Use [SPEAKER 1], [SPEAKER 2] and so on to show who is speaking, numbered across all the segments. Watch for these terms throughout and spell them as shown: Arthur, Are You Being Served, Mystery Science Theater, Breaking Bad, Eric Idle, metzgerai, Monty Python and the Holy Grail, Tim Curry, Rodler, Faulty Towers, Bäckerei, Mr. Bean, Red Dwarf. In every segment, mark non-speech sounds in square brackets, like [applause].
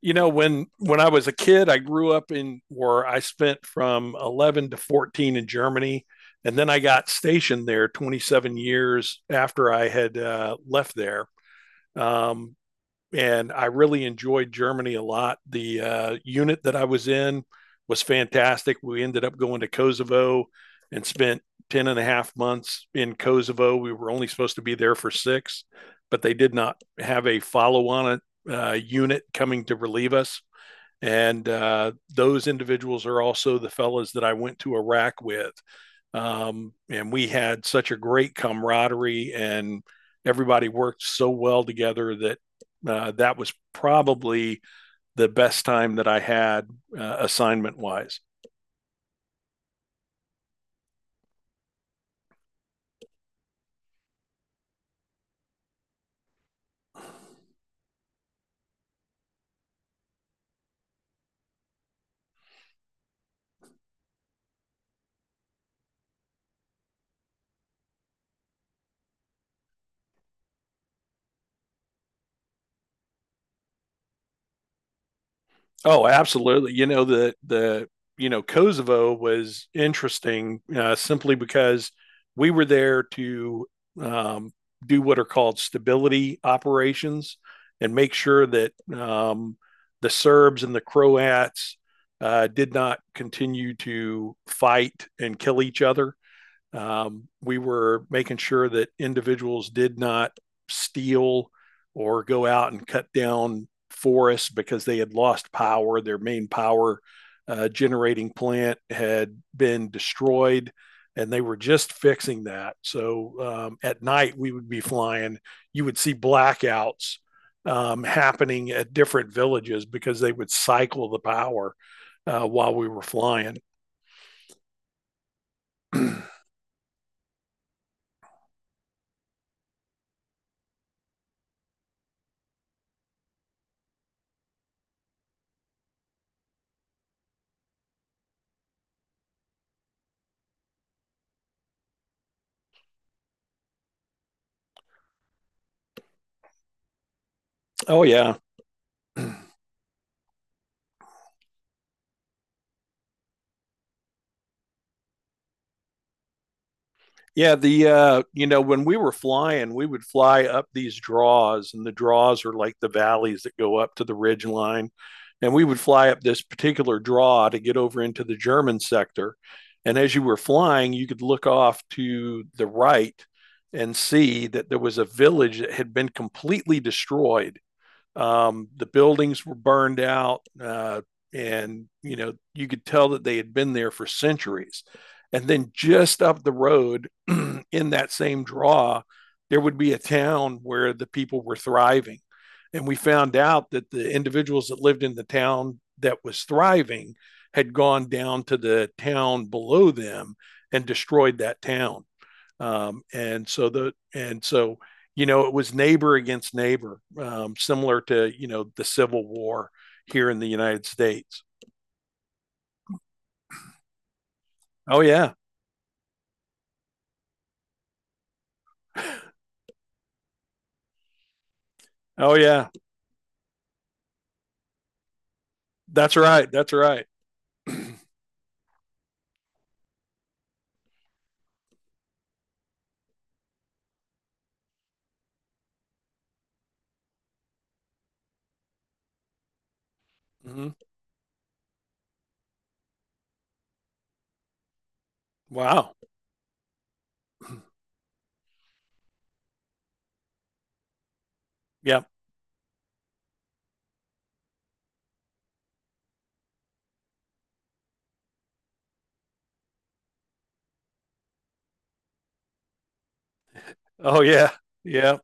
[SPEAKER 1] You know, when I was a kid, I grew up in where I spent from 11 to 14 in Germany. And then I got stationed there 27 years after I had left there. um, and I really enjoyed Germany a lot. The unit that I was in was fantastic. We ended up going to Kosovo and spent 10 and a half months in Kosovo. We were only supposed to be there for six, but they did not have a follow on unit coming to relieve us. And those individuals are also the fellas that I went to Iraq with. And we had such a great camaraderie, and everybody worked so well together that that was probably the best time that I had, assignment wise. Oh, absolutely. You know, Kosovo was interesting, simply because we were there to um, do what are called stability operations and make sure that the Serbs and the Croats did not continue to fight and kill each other. We were making sure that individuals did not steal or go out and cut down forests because they had lost power. Their main power generating plant had been destroyed, and they were just fixing that. So at night, we would be flying. You would see blackouts happening at different villages because they would cycle the power while we were flying. [clears throat] Oh, yeah. Yeah, when we were flying, we would fly up these draws, and the draws are like the valleys that go up to the ridge line. And we would fly up this particular draw to get over into the German sector. And as you were flying, you could look off to the right and see that there was a village that had been completely destroyed, the buildings were burned out, and you know you could tell that they had been there for centuries. And then just up the road, [clears throat] in that same draw, there would be a town where the people were thriving, and we found out that the individuals that lived in the town that was thriving had gone down to the town below them and destroyed that town. And so it was neighbor against neighbor, similar to the Civil War here in the United States. Oh yeah. Oh yeah, that's right, that's right. Mm-hmm. Wow. [clears throat] Yeah. Oh yeah, yeah.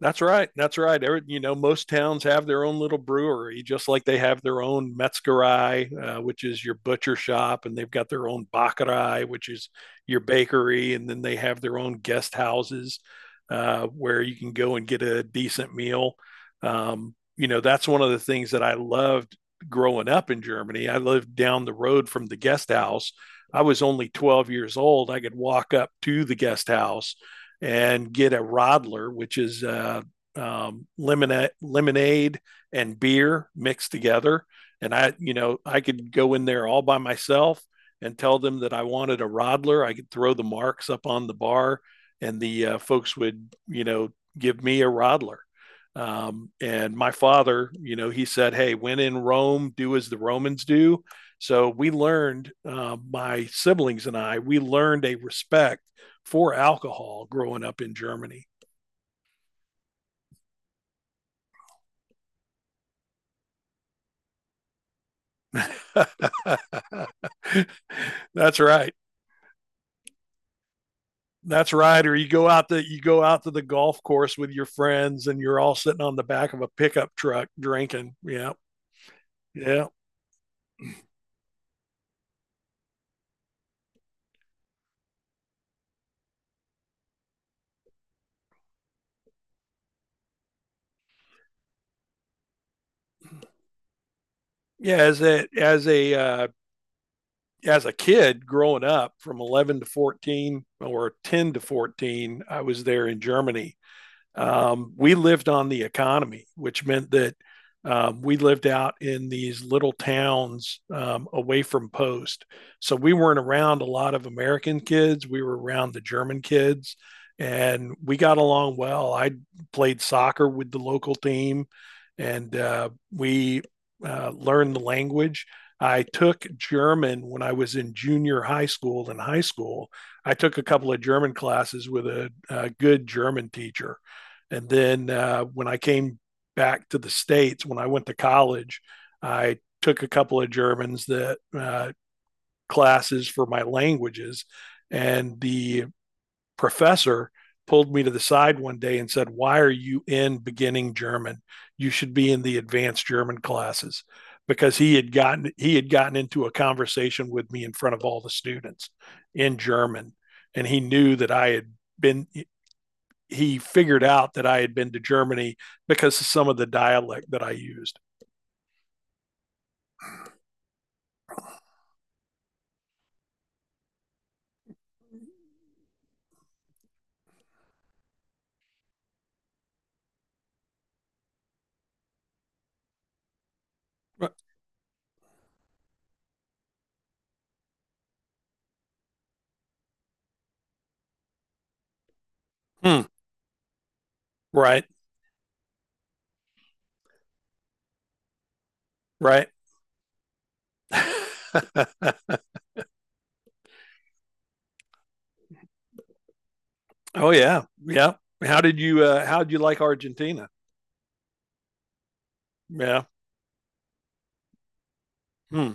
[SPEAKER 1] That's right. That's right. Most towns have their own little brewery, just like they have their own metzgerai, which is your butcher shop, and they've got their own Bäckerei, which is your bakery, and then they have their own guest houses where you can go and get a decent meal. You know, that's one of the things that I loved growing up in Germany. I lived down the road from the guest house. I was only 12 years old. I could walk up to the guest house and get a Rodler, which is lemonade, and beer mixed together. And I could go in there all by myself and tell them that I wanted a Rodler. I could throw the marks up on the bar, and the folks would, give me a Rodler. And my father, he said, "Hey, when in Rome, do as the Romans do." So we learned, my siblings and I, we learned a respect for alcohol growing up in Germany. [laughs] That's right. That's right. Or you go out to the golf course with your friends, and you're all sitting on the back of a pickup truck drinking. Yeah. Yeah. Yeah. As a kid growing up from 11 to 14 or 10 to 14, I was there in Germany. We lived on the economy, which meant that we lived out in these little towns, away from post. So we weren't around a lot of American kids. We were around the German kids, and we got along well. I played soccer with the local team, and we learned the language. I took German when I was in junior high school and high school. I took a couple of German classes with a good German teacher. And then when I came back to the States, when I went to college, I took a couple of Germans that, classes for my languages. And the professor pulled me to the side one day and said, "Why are you in beginning German? You should be in the advanced German classes," because he had gotten into a conversation with me in front of all the students in German, and he knew that I had been, he figured out that I had been to Germany because of some of the dialect that I used. Hmm. Right, right. [laughs] Oh yeah, yeah. How did you like Argentina? Yeah. Hmm.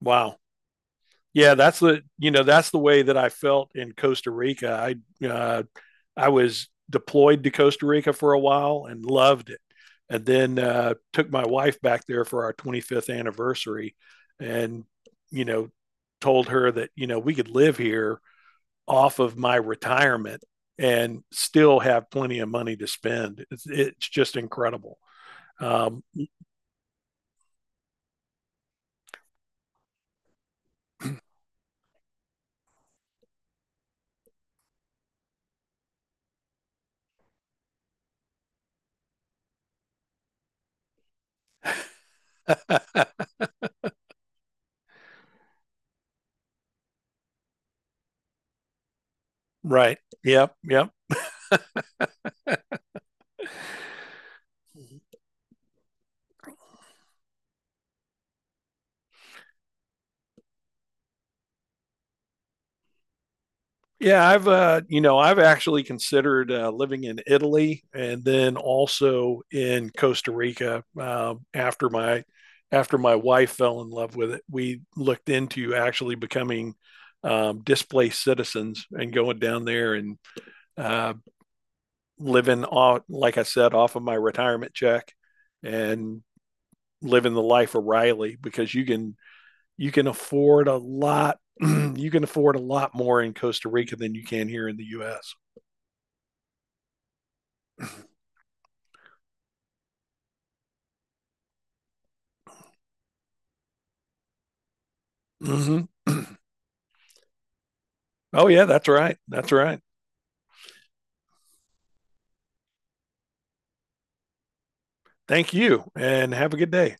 [SPEAKER 1] Wow. Yeah, that's the way that I felt in Costa Rica. I uh, I was deployed to Costa Rica for a while and loved it, and then took my wife back there for our 25th anniversary, and you know told her that we could live here off of my retirement and still have plenty of money to spend. It's just incredible. Um, right. Yep. Yep. Yeah, I've actually considered living in Italy and then also in Costa Rica after my wife fell in love with it. We looked into actually becoming displaced citizens and going down there and uh, living off, like I said, off of my retirement check and living the life of Riley because you can afford a lot. [clears throat] You can afford a lot more in Costa Rica than you can here in the U.S. Hmm. [clears throat] Oh, yeah, that's right. That's right. Thank you, and have a good day.